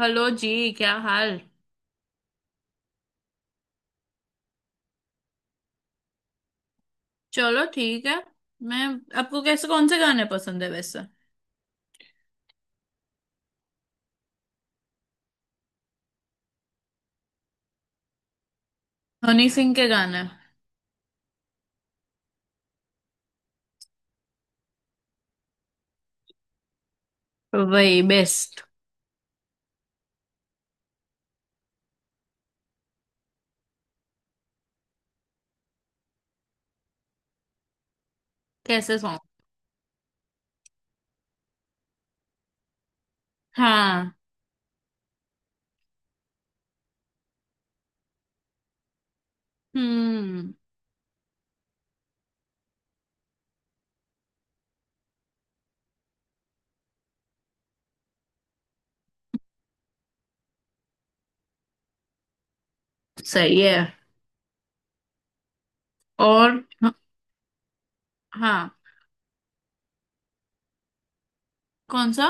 Hello जी। क्या हाल। चलो ठीक है। मैं आपको कैसे कौन से गाने पसंद है वैसे। हनी सिंह के गाने। वही बेस्ट। कैसे सॉन्ग। हाँ। हम्म। सही है। और। हाँ। कौन सा।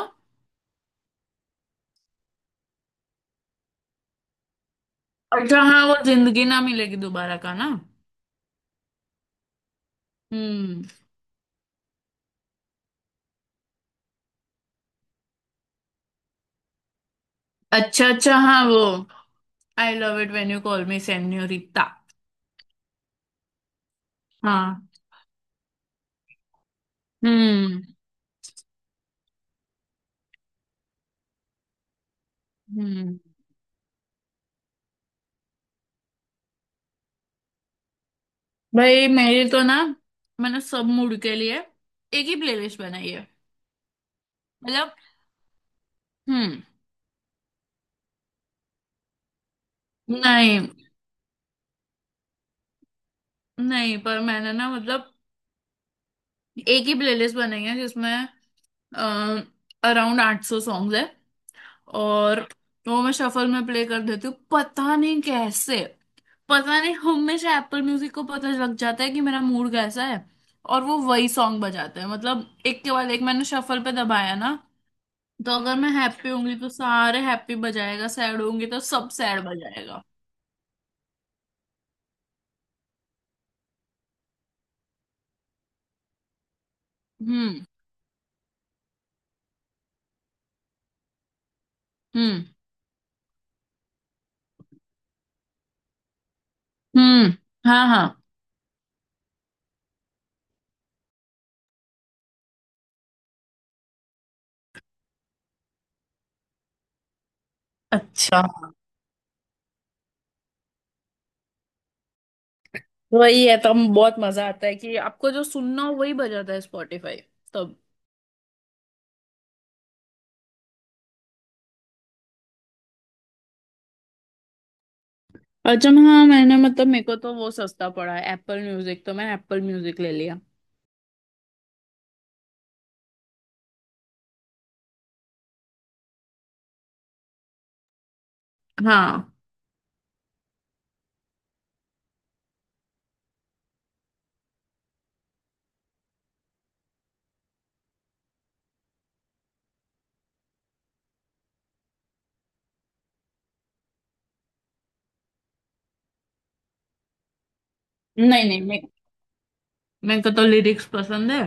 अच्छा हाँ वो जिंदगी ना मिलेगी दोबारा का ना। हम्म। अच्छा अच्छा हाँ वो। I love it when you call me senorita. हाँ। हम्म। हम्म। भाई मेरी तो ना मैंने सब मूड के लिए एक ही प्लेलिस्ट बनाई है। मतलब। हम्म। नहीं नहीं, पर मैंने ना मतलब एक ही प्लेलिस्ट बनाई है जिसमें अराउंड 800 सॉन्ग्स है। और वो मैं शफल में प्ले कर देती हूँ, पता नहीं कैसे। पता नहीं हमेशा एप्पल म्यूजिक को पता लग जाता है कि मेरा मूड कैसा है। और वो वही सॉन्ग बजाते हैं, मतलब एक के बाद एक मैंने शफल पे दबाया ना। तो अगर मैं हैप्पी होंगी तो सारे हैप्पी बजाएगा, सैड होंगी तो सब सैड बजाएगा। हम्म। हम्म। हम्म। हाँ हाँ। अच्छा। वही है, तब बहुत मजा आता है कि आपको जो सुनना हो वही बजाता है स्पॉटिफाई। तब। अच्छा मैं- हाँ मैंने, मतलब मेरे को तो वो सस्ता पड़ा है एप्पल म्यूजिक, तो मैं एप्पल म्यूजिक ले लिया। हाँ। नहीं नहीं, मे मेरे को तो लिरिक्स पसंद है।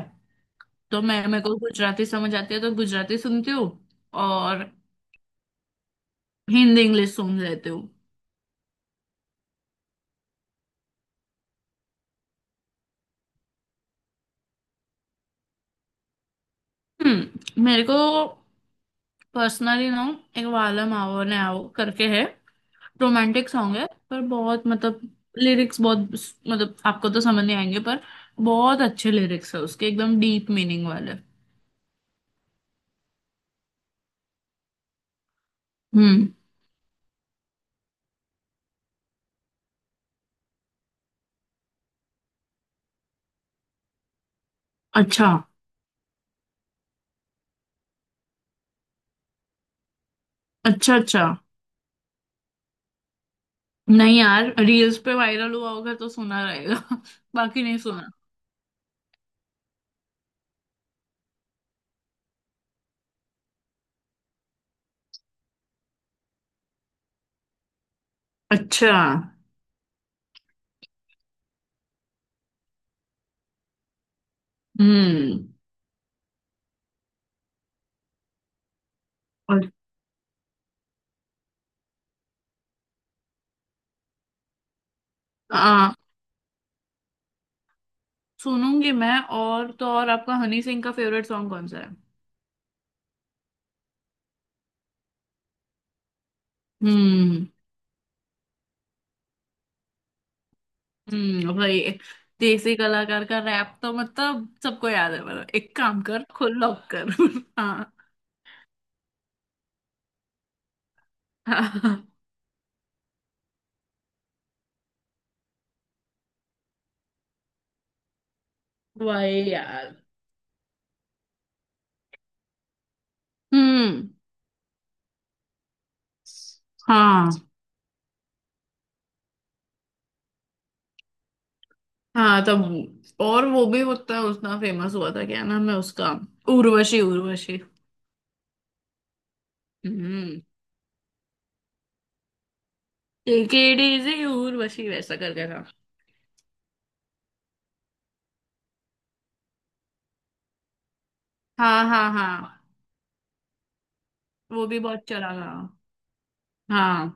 तो मैं, मेरे को गुजराती समझ आती है तो गुजराती सुनती हूँ। और हिंदी इंग्लिश सुन लेती हूँ। मेरे को पर्सनली ना एक वालम आओ ने आओ करके है। रोमांटिक सॉन्ग है, पर बहुत मतलब लिरिक्स बहुत, मतलब आपको तो समझ नहीं आएंगे, पर बहुत अच्छे लिरिक्स है उसके एकदम डीप मीनिंग वाले। हम्म। अच्छा अच्छा। अच्छा नहीं यार, रील्स पे वायरल हुआ होगा तो सुना रहेगा बाकी नहीं सुना। अच्छा। हम्म। और- आ सुनूंगी मैं। और तो और, आपका हनी सिंह का फेवरेट सॉन्ग कौन सा है। हम्म। भाई। देसी कलाकार का रैप तो मतलब सबको याद है, मतलब एक काम कर खुद लॉक कर हाँ। हाँ। भाई यार। हम्म। हाँ हाँ, तब और वो भी उतना उतना फेमस हुआ था। क्या नाम है उसका। उर्वशी उर्वशी। हम्म। टेक इट इजी उर्वशी वैसा करके था। हाँ हाँ हाँ वो भी बहुत चला था। हाँ।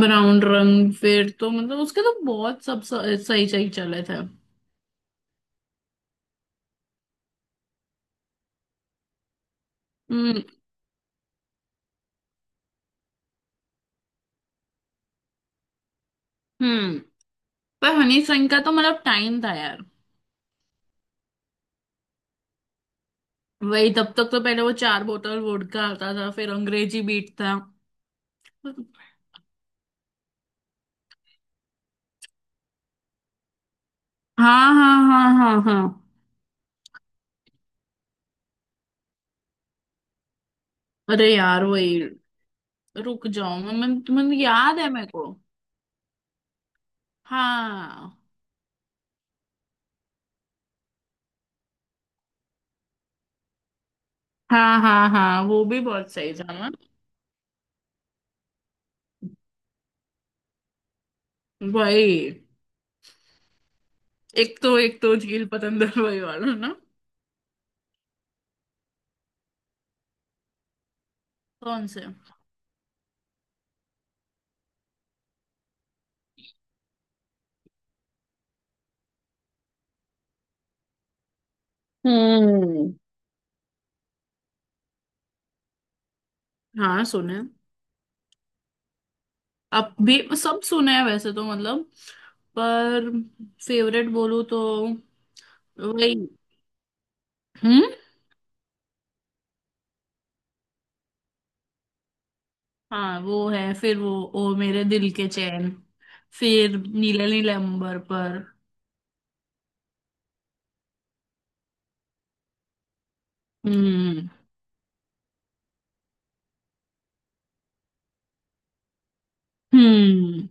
ब्राउन रंग फिर तो मतलब उसके तो बहुत सब स- सही सही चले थे। हम्म। हम्म। पर हनी सिंह का तो मतलब टाइम था यार। वही तब तक तो, पहले वो चार बोतल वोडका आता था फिर अंग्रेजी बीट था। हाँ हाँ हाँ हाँ हाँ। अरे यार वही। रुक जाओ मैं तुम्हें, याद है मेरे को। हाँ। हाँ हाँ हाँ वो भी बहुत सही था ना। वही। एक तो झील पतंदर वही वाला ना। कौन से। हम्म। हाँ सुने। अब भी सब सुने हैं वैसे तो, मतलब पर फेवरेट बोलूँ तो वही। हम्म। हाँ वो है। फिर वो ओ मेरे दिल के चैन। फिर नीले नीले अंबर पर। हम्म। हम्म।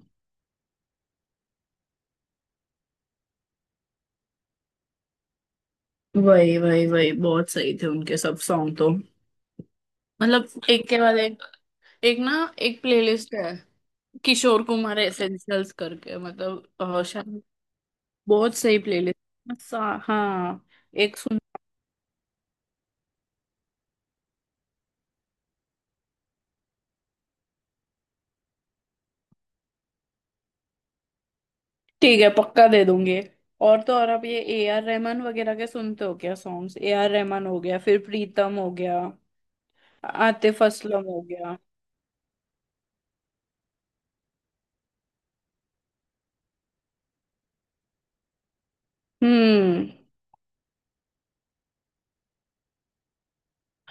वही वही वही, बहुत सही थे उनके सब सॉन्ग तो। मतलब एक के बाद एक एक ना एक प्लेलिस्ट है, किशोर कुमार एसेंशियल्स करके, मतलब अ, शायद बहुत सही प्लेलिस्ट। हाँ हाँ, एक सुन। ठीक है, पक्का दे दूंगी। और तो और, अब ये A R रहमान वगैरह के सुनते हो क्या सॉन्ग्स। A R रहमान हो गया, फिर प्रीतम हो गया, आतिफ असलम हो गया। हम्म।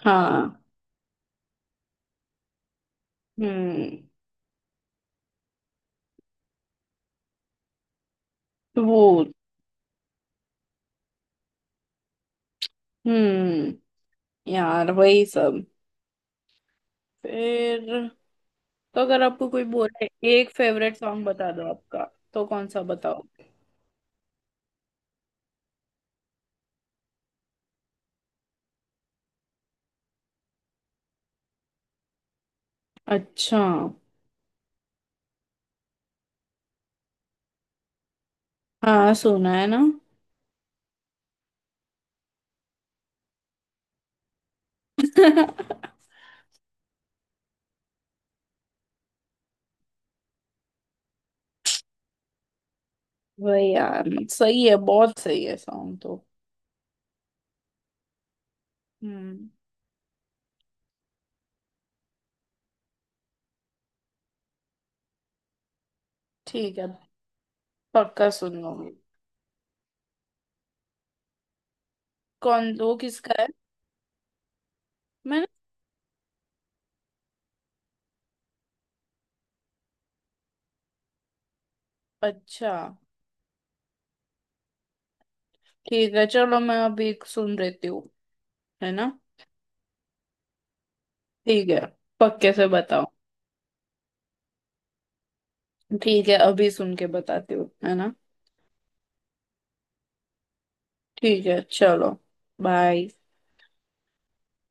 हाँ। हम्म। वो। हम्म। यार वही सब। फिर, तो अगर आपको कोई बोले एक फेवरेट सॉन्ग बता दो आपका, तो कौन सा बताओ। अच्छा। हाँ सुना है ना। वही यार, सही है, बहुत सही है सॉन्ग तो। हम्म। ठीक है, पक्का सुन लूंगी। कौन, वो किसका है। मैं। अच्छा। ठीक है चलो, मैं अभी एक सुन लेती हूँ। है ना। ठीक है, पक्के से बताओ। ठीक है, अभी सुन के बताती हूँ, है ना। ठीक है चलो। बाय।